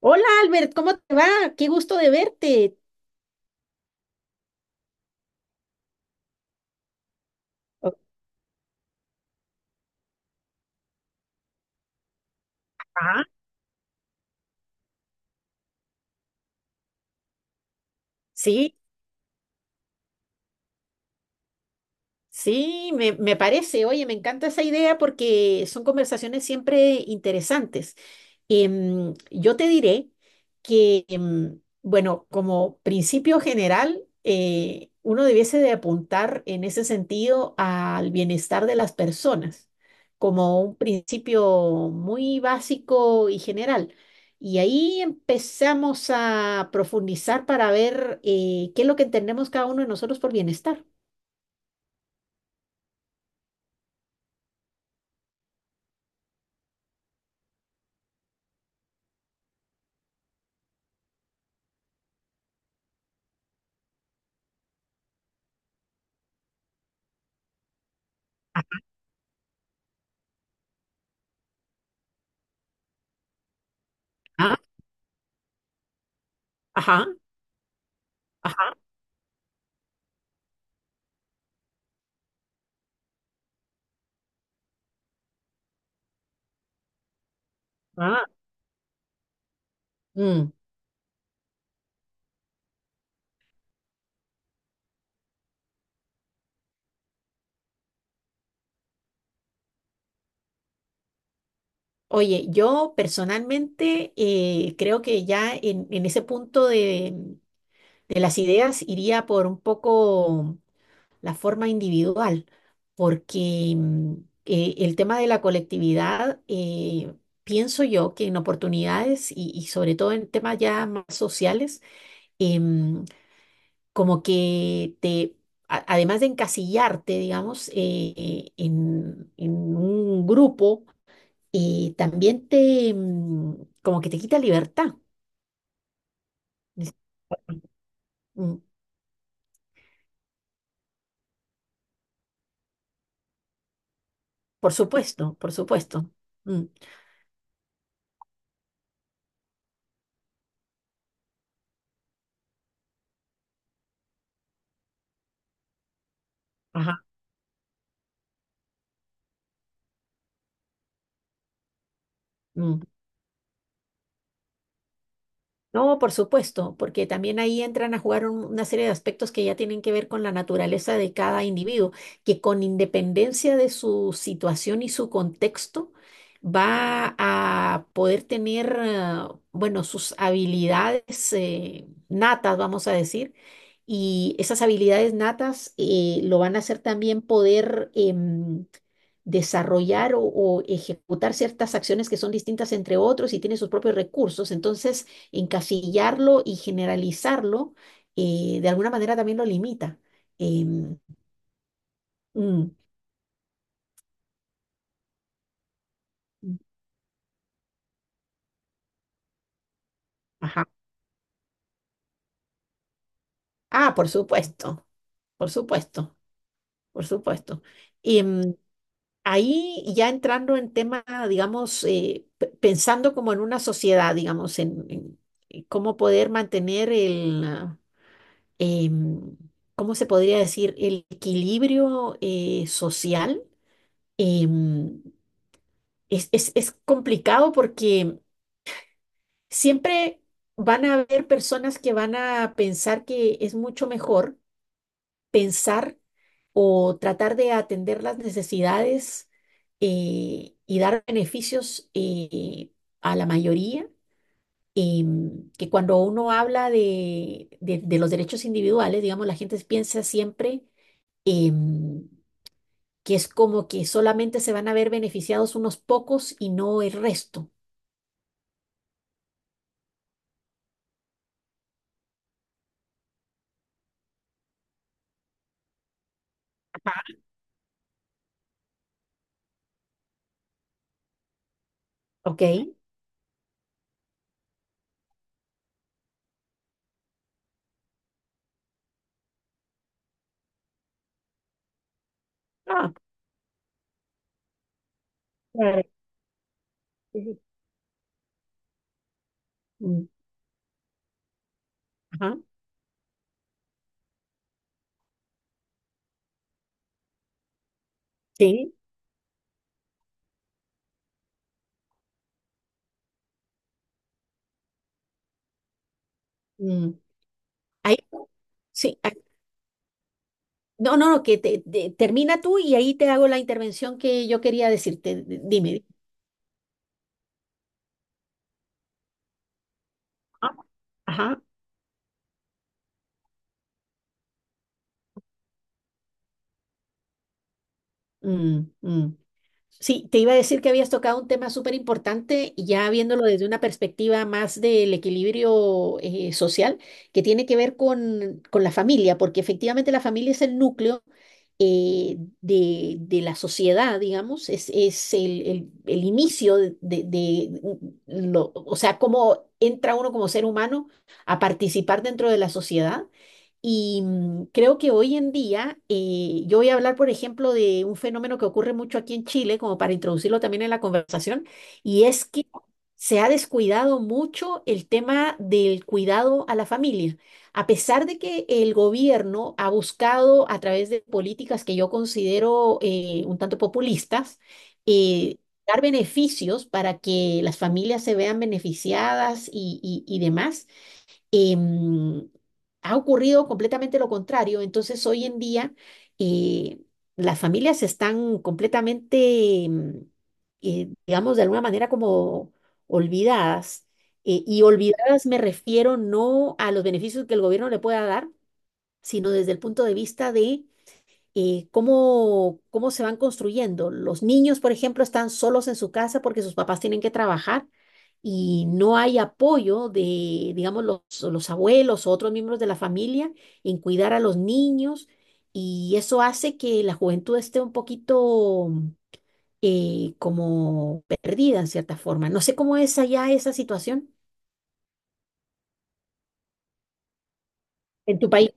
Hola, Albert, ¿cómo te va? Qué gusto de verte. Oh. Ah. Sí. Sí, me parece. Oye, me encanta esa idea porque son conversaciones siempre interesantes. Yo te diré que, bueno, como principio general, uno debiese de apuntar en ese sentido al bienestar de las personas, como un principio muy básico y general. Y ahí empezamos a profundizar para ver qué es lo que entendemos cada uno de nosotros por bienestar. Ah, ajá, ajá, ah, mm. Oye, yo personalmente creo que ya en ese punto de, las ideas iría por un poco la forma individual, porque el tema de la colectividad, pienso yo que en oportunidades y sobre todo en temas ya más sociales, em, como que además de encasillarte, digamos, en un grupo, y también como que te quita libertad. Dice. Mm. Por supuesto, por supuesto. Mm. Ajá. Mm. No, por supuesto, porque también ahí entran a jugar una serie de aspectos que ya tienen que ver con la naturaleza de cada individuo, que con independencia de su situación y su contexto, va a poder tener, bueno, sus habilidades natas, vamos a decir, y esas habilidades natas lo van a hacer también poder desarrollar o ejecutar ciertas acciones que son distintas entre otros y tiene sus propios recursos. Entonces, encasillarlo y generalizarlo, de alguna manera también lo limita. Em, mm, ajá. Ah, por supuesto, por supuesto, por supuesto. Em, Ahí ya entrando en tema, digamos, pensando como en una sociedad, digamos, en cómo poder mantener em, ¿cómo se podría decir? El equilibrio social. em, es complicado porque siempre van a haber personas que van a pensar que es mucho mejor pensar o tratar de atender las necesidades, y dar beneficios, a la mayoría, que cuando uno habla de, de los derechos individuales, digamos, la gente piensa siempre, em, que es como que solamente se van a ver beneficiados unos pocos y no el resto. ¿Ok? Ah, claro. Sí, sí. Mm, ajá. Sí. Mm. Ahí, sí. Ah, no, no, no, que termina tú y ahí te hago la intervención que yo quería decirte. Dime. Ah, ajá. Mm, mm. Sí, te iba a decir que habías tocado un tema súper importante, y ya viéndolo desde una perspectiva más del equilibrio, social, que tiene que ver con, la familia, porque efectivamente la familia es el núcleo, eh, de la sociedad, digamos, es el, el inicio o sea, cómo entra uno como ser humano a participar dentro de la sociedad. Y creo que hoy en día, yo voy a hablar, por ejemplo, de un fenómeno que ocurre mucho aquí en Chile, como para introducirlo también en la conversación, y es que se ha descuidado mucho el tema del cuidado a la familia. A pesar de que el gobierno ha buscado, a través de políticas que yo considero un tanto populistas, eh, dar beneficios para que las familias se vean beneficiadas y demás. Em, Ha ocurrido completamente lo contrario. Entonces, hoy en día, eh, las familias están completamente, digamos, de alguna manera como olvidadas. Y olvidadas me refiero no a los beneficios que el gobierno le pueda dar, sino desde el punto de vista de cómo se van construyendo. Los niños, por ejemplo, están solos en su casa porque sus papás tienen que trabajar, y no hay apoyo de, digamos, los abuelos o otros miembros de la familia en cuidar a los niños, y eso hace que la juventud esté un poquito, como perdida en cierta forma. No sé cómo es allá esa situación en tu país.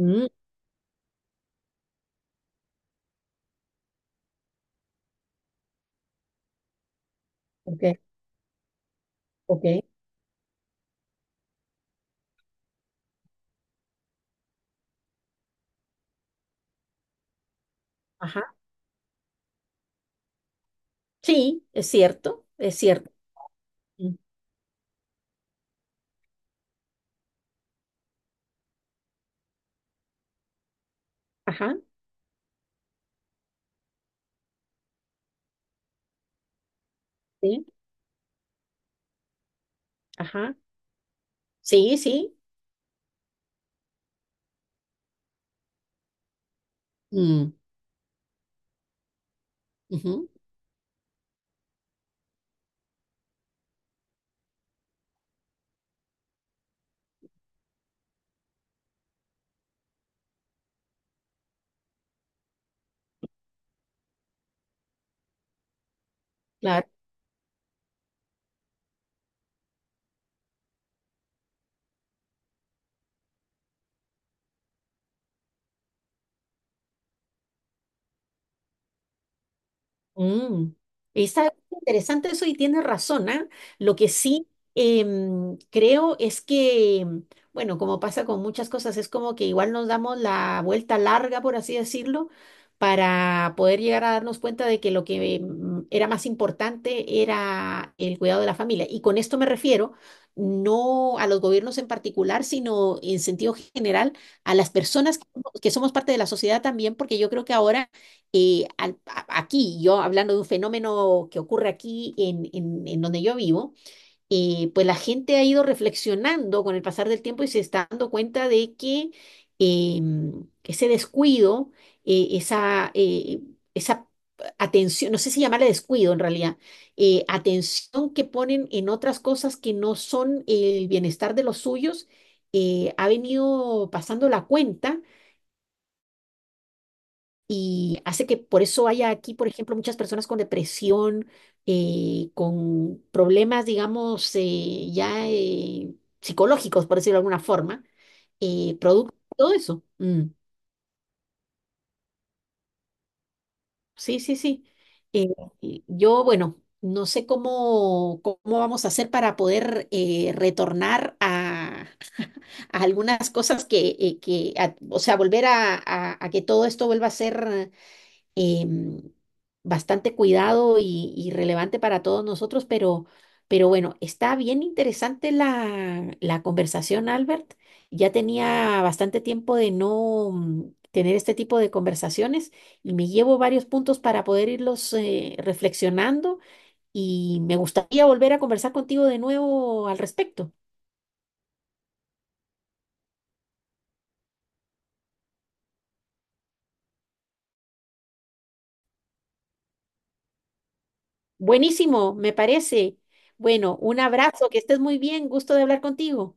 Mm, ok, ok. Ajá. Sí, es cierto, es cierto. Mm, ajá, sí, ajá. Sí, sí. Mm, ujú. Claro. Mm. Está interesante eso y tienes razón, ¿ah? Lo que sí creo es que, bueno, como pasa con muchas cosas, es como que igual nos damos la vuelta larga, por así decirlo, para poder llegar a darnos cuenta de que lo que era más importante era el cuidado de la familia. Y con esto me refiero, no a los gobiernos en particular, sino en sentido general, a las personas que somos parte de la sociedad también, porque yo creo que ahora, aquí, yo hablando de un fenómeno que ocurre aquí en donde yo vivo, pues la gente ha ido reflexionando con el pasar del tiempo y se está dando cuenta de que, ese descuido, eh, esa, eh, esa atención, no sé si llamarle descuido en realidad, atención que ponen en otras cosas que no son el bienestar de los suyos, ha venido pasando la cuenta, y hace que por eso haya aquí, por ejemplo, muchas personas con depresión, con problemas, digamos, ya psicológicos, por decirlo de alguna forma, producto de todo eso. Mm, sí, sí, sí. Eh, y yo, bueno, no sé cómo, vamos a hacer para poder, retornar a, algunas cosas que, o sea, volver a que todo esto vuelva a ser, em, bastante cuidado y relevante para todos nosotros, pero, bueno, está bien interesante la conversación, Albert. Ya tenía bastante tiempo de no tener este tipo de conversaciones, y me llevo varios puntos para poder irlos, reflexionando, y me gustaría volver a conversar contigo de nuevo al respecto. Buenísimo, me parece. Bueno, un abrazo, que estés muy bien, gusto de hablar contigo.